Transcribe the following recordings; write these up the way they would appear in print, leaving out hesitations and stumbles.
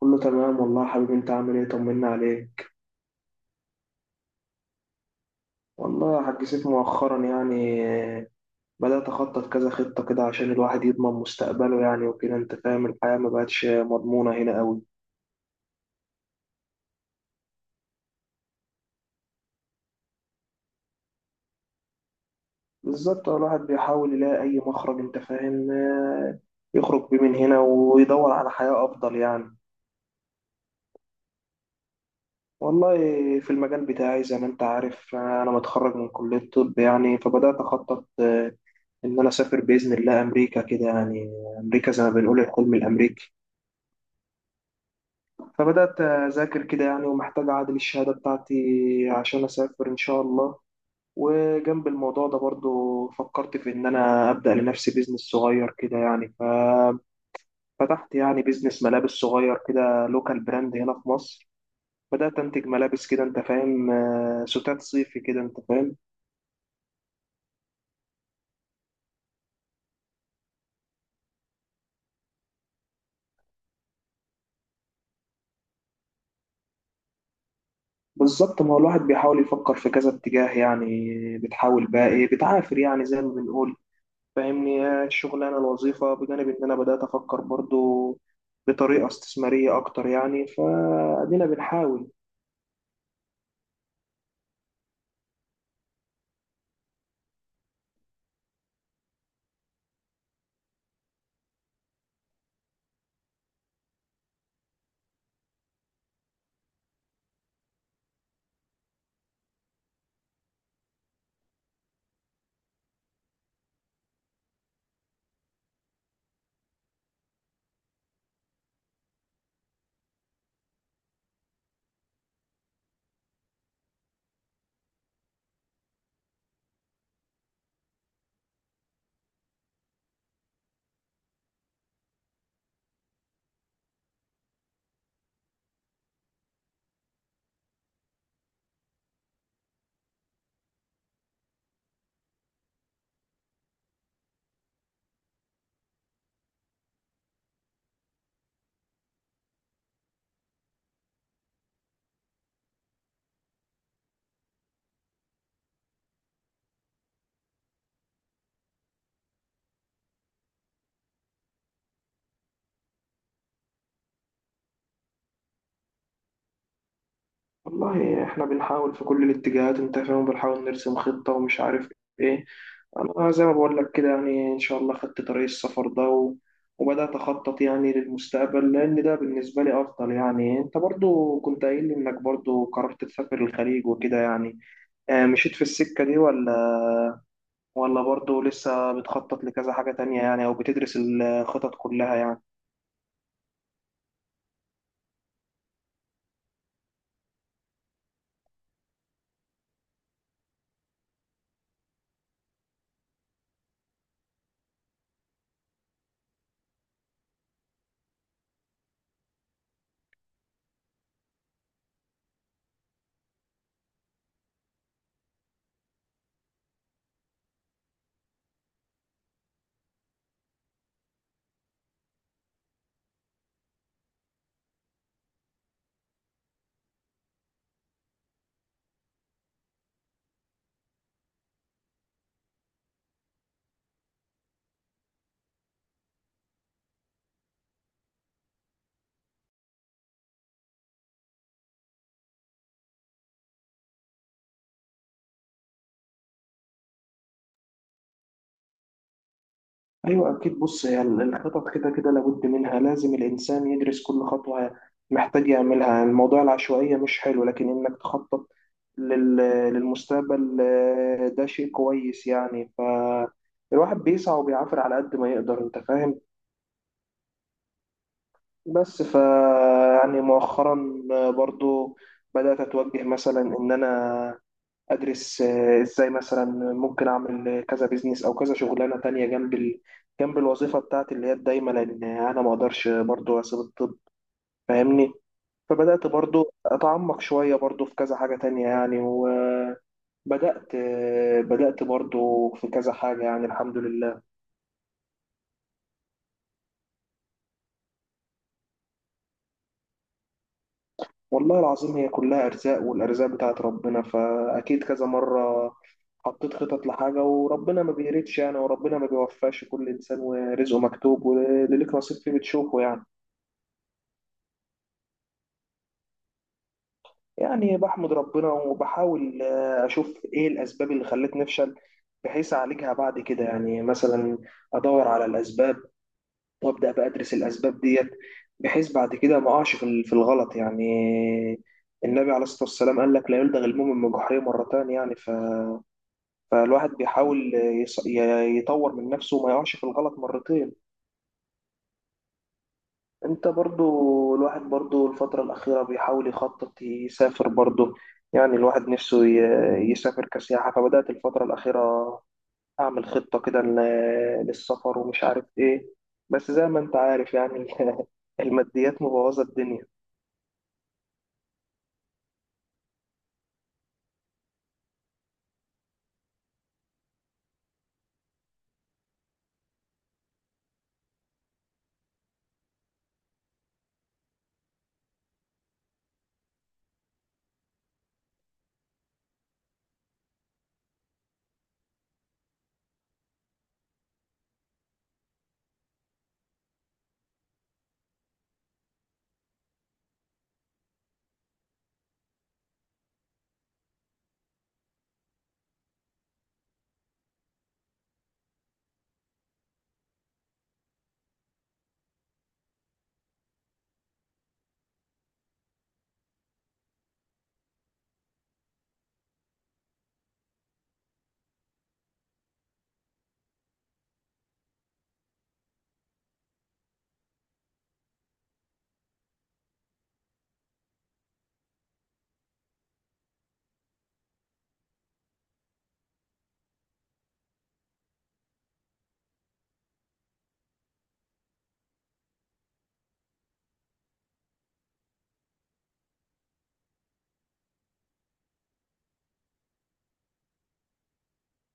كله تمام والله يا حبيبي. انت عامل ايه؟ طمنا عليك. والله يا حاج سيف مؤخرا يعني، بدأت أخطط كذا خطة كده عشان الواحد يضمن مستقبله يعني وكده انت فاهم. الحياة ما بقتش مضمونة هنا قوي. بالظبط، الواحد بيحاول يلاقي أي مخرج، انت فاهم، يخرج بيه من هنا ويدور على حياة أفضل يعني. والله في المجال بتاعي زي ما انت عارف، أنا متخرج من كلية الطب يعني، فبدأت أخطط إن أنا أسافر بإذن الله أمريكا كده يعني. أمريكا زي ما بنقول الحلم الأمريكي. فبدأت أذاكر كده يعني، ومحتاج أعادل الشهادة بتاعتي عشان أسافر إن شاء الله. وجنب الموضوع ده برضو فكرت في إن أنا أبدأ لنفسي بيزنس صغير كده يعني، ففتحت يعني بيزنس ملابس صغير كده، لوكال براند هنا في مصر. بدأت أنتج ملابس كده أنت فاهم، ستات صيفي كده أنت فاهم. بالظبط، ما هو الواحد بيحاول يفكر في كذا اتجاه يعني. بتحاول بقى إيه، بتعافر يعني زي ما بنقول. فاهمني، هي الشغلانة الوظيفة بجانب إن أنا بدأت أفكر برضو بطريقة استثمارية أكتر يعني، فأدينا بنحاول. والله إحنا بنحاول في كل الاتجاهات أنت فاهم، بنحاول نرسم خطة ومش عارف إيه. أنا زي ما بقول لك كده يعني، إن شاء الله خدت طريق السفر ده وبدأت أخطط يعني للمستقبل، لأن ده بالنسبة لي أفضل يعني. أنت برضو كنت قايل لي إنك برضو قررت تسافر الخليج وكده يعني، مشيت في السكة دي ولا برضه لسه بتخطط لكذا حاجة تانية يعني، أو بتدرس الخطط كلها يعني؟ أيوة أكيد. بص، هي الخطط كده كده لابد منها، لازم الإنسان يدرس كل خطوة محتاج يعملها. الموضوع العشوائية مش حلو، لكن إنك تخطط لل- للمستقبل، ده شيء كويس يعني. فالواحد بيسعى وبيعافر على قد ما يقدر أنت فاهم. بس يعني مؤخرا برضه بدأت أتوجه مثلا إن أنا ادرس ازاي مثلا ممكن اعمل كذا بيزنس او كذا شغلانه تانية جنب جنب الوظيفه بتاعتي اللي هي الدايمه، لان انا ما اقدرش برضو اسيب الطب. فاهمني؟ فبدات برضو اتعمق شويه برضو في كذا حاجه تانية يعني، وبدات بدات برضو في كذا حاجه يعني، الحمد لله. والله العظيم هي كلها ارزاق، والارزاق بتاعت ربنا. فاكيد كذا مره حطيت خطط لحاجة وربنا ما بيردش يعني، وربنا ما بيوفقش كل إنسان، ورزقه مكتوب، واللي ليك نصيب فيه بتشوفه يعني. يعني بحمد ربنا وبحاول أشوف إيه الأسباب اللي خلتني أفشل، بحيث أعالجها بعد كده يعني. مثلا أدور على الأسباب، وأبدأ بقى أدرس الأسباب ديت، بحيث بعد كده ما أقعش في في الغلط يعني. النبي عليه الصلاة والسلام قال لك لا يلدغ المؤمن من جحره مرتان يعني، فالواحد بيحاول يطور من نفسه وما يقعش في الغلط مرتين. انت برضو، الواحد برضو الفترة الأخيرة بيحاول يخطط يسافر برضو يعني. الواحد نفسه يسافر كسياحة. فبدأت الفترة الأخيرة أعمل خطة كده للسفر ومش عارف إيه. بس زي ما أنت عارف يعني الماديات مبوظة الدنيا.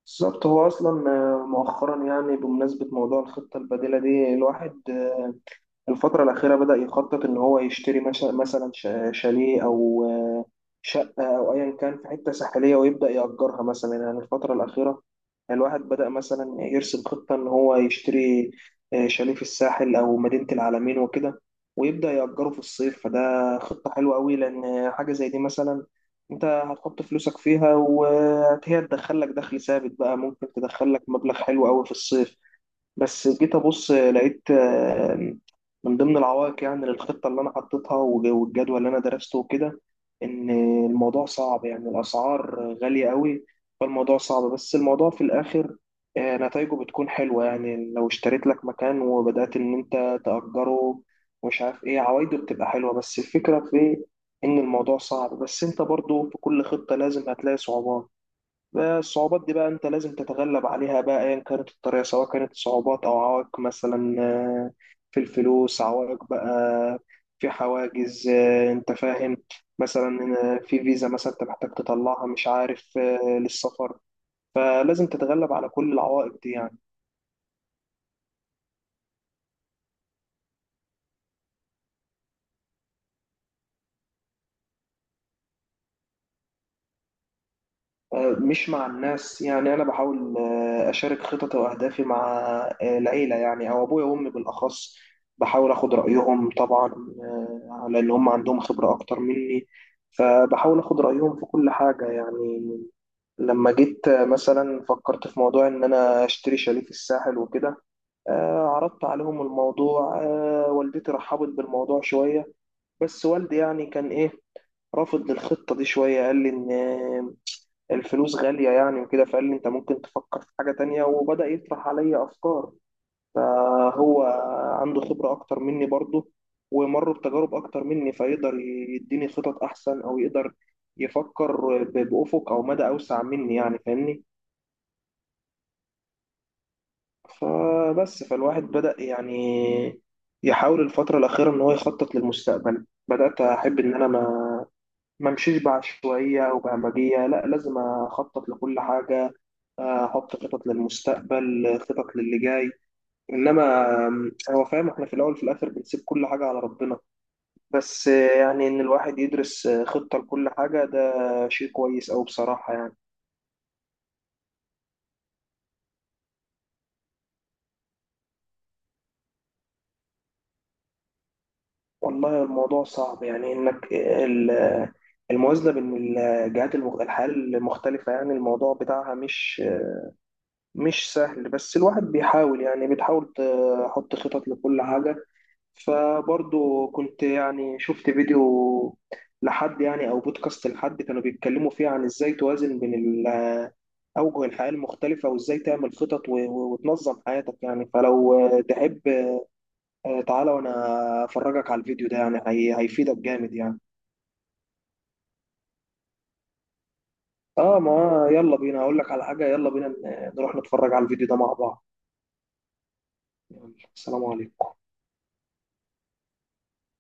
بالظبط، هو أصلا مؤخرا يعني، بمناسبة موضوع الخطة البديلة دي، الواحد الفترة الأخيرة بدأ يخطط إن هو يشتري مثلا شاليه أو شقة، أو أيا كان في حتة ساحلية ويبدأ يأجرها مثلا يعني. الفترة الأخيرة الواحد بدأ مثلا يرسم خطة إن هو يشتري شاليه في الساحل أو مدينة العلمين وكده، ويبدأ يأجره في الصيف. فده خطة حلوة أوي، لأن حاجة زي دي مثلا أنت هتحط فلوسك فيها، وهي تدخلك دخل ثابت بقى. ممكن تدخلك مبلغ حلو أوي في الصيف. بس جيت ابص لقيت من ضمن العوائق يعني للخطه اللي انا حطيتها والجدول اللي انا درسته وكده، ان الموضوع صعب يعني، الاسعار غاليه قوي. فالموضوع صعب، بس الموضوع في الاخر نتائجه بتكون حلوه يعني. لو اشتريت لك مكان وبدات ان انت تاجره ومش عارف ايه، عوايده بتبقى حلوه. بس الفكره في ان الموضوع صعب. بس انت برضو في كل خطه لازم هتلاقي صعوبات. الصعوبات دي بقى انت لازم تتغلب عليها، بقى ايا كانت الطريقة، سواء كانت صعوبات او عوائق. مثلا، في الفلوس عوائق بقى، في حواجز، انت فاهم. مثلا، في فيزا مثلا انت محتاج تطلعها، مش عارف، للسفر. فلازم تتغلب على كل العوائق دي يعني. مش مع الناس يعني. أنا بحاول أشارك خططي وأهدافي مع العيلة يعني، أو أبويا وأمي بالأخص. بحاول أخد رأيهم طبعا، على اللي هم عندهم خبرة أكتر مني. فبحاول أخد رأيهم في كل حاجة يعني. لما جيت مثلا فكرت في موضوع إن أنا أشتري شاليه في الساحل وكده، عرضت عليهم الموضوع. والدتي رحبت بالموضوع شوية، بس والدي يعني كان إيه، رافض للخطة دي شوية. قال لي إن الفلوس غالية يعني وكده. فقال لي انت ممكن تفكر في حاجة تانية، وبدأ يطرح عليا افكار. فهو عنده خبرة اكتر مني برضه، ومر بتجارب اكتر مني، فيقدر يديني خطط احسن، او يقدر يفكر بأفق او مدى اوسع مني يعني، فاهمني. فبس، فالواحد بدأ يعني يحاول الفترة الأخيرة إن هو يخطط للمستقبل. بدأت أحب إن أنا ما امشيش بعشوائية أو بهمجية. لا، لازم أخطط لكل حاجة، أحط خطط للمستقبل، خطط للي جاي. إنما هو فاهم إحنا في الأول وفي الآخر بنسيب كل حاجة على ربنا. بس يعني إن الواحد يدرس خطة لكل حاجة ده شيء كويس أوي بصراحة يعني. والله الموضوع صعب يعني، إنك الموازنة بين الجهات الحياة المختلفة يعني، الموضوع بتاعها مش سهل. بس الواحد بيحاول يعني، بتحاول تحط خطط لكل حاجة. فبرضه كنت يعني شفت فيديو لحد يعني، أو بودكاست لحد كانوا بيتكلموا فيه عن إزاي توازن بين أوجه الحياة المختلفة، وإزاي تعمل خطط وتنظم حياتك يعني. فلو تحب، تعالى وأنا أفرجك على الفيديو ده، يعني هيفيدك جامد يعني. آه، ما يلا بينا. أقول لك على حاجة، يلا بينا نروح نتفرج على الفيديو ده مع بعض. يلا، السلام عليكم.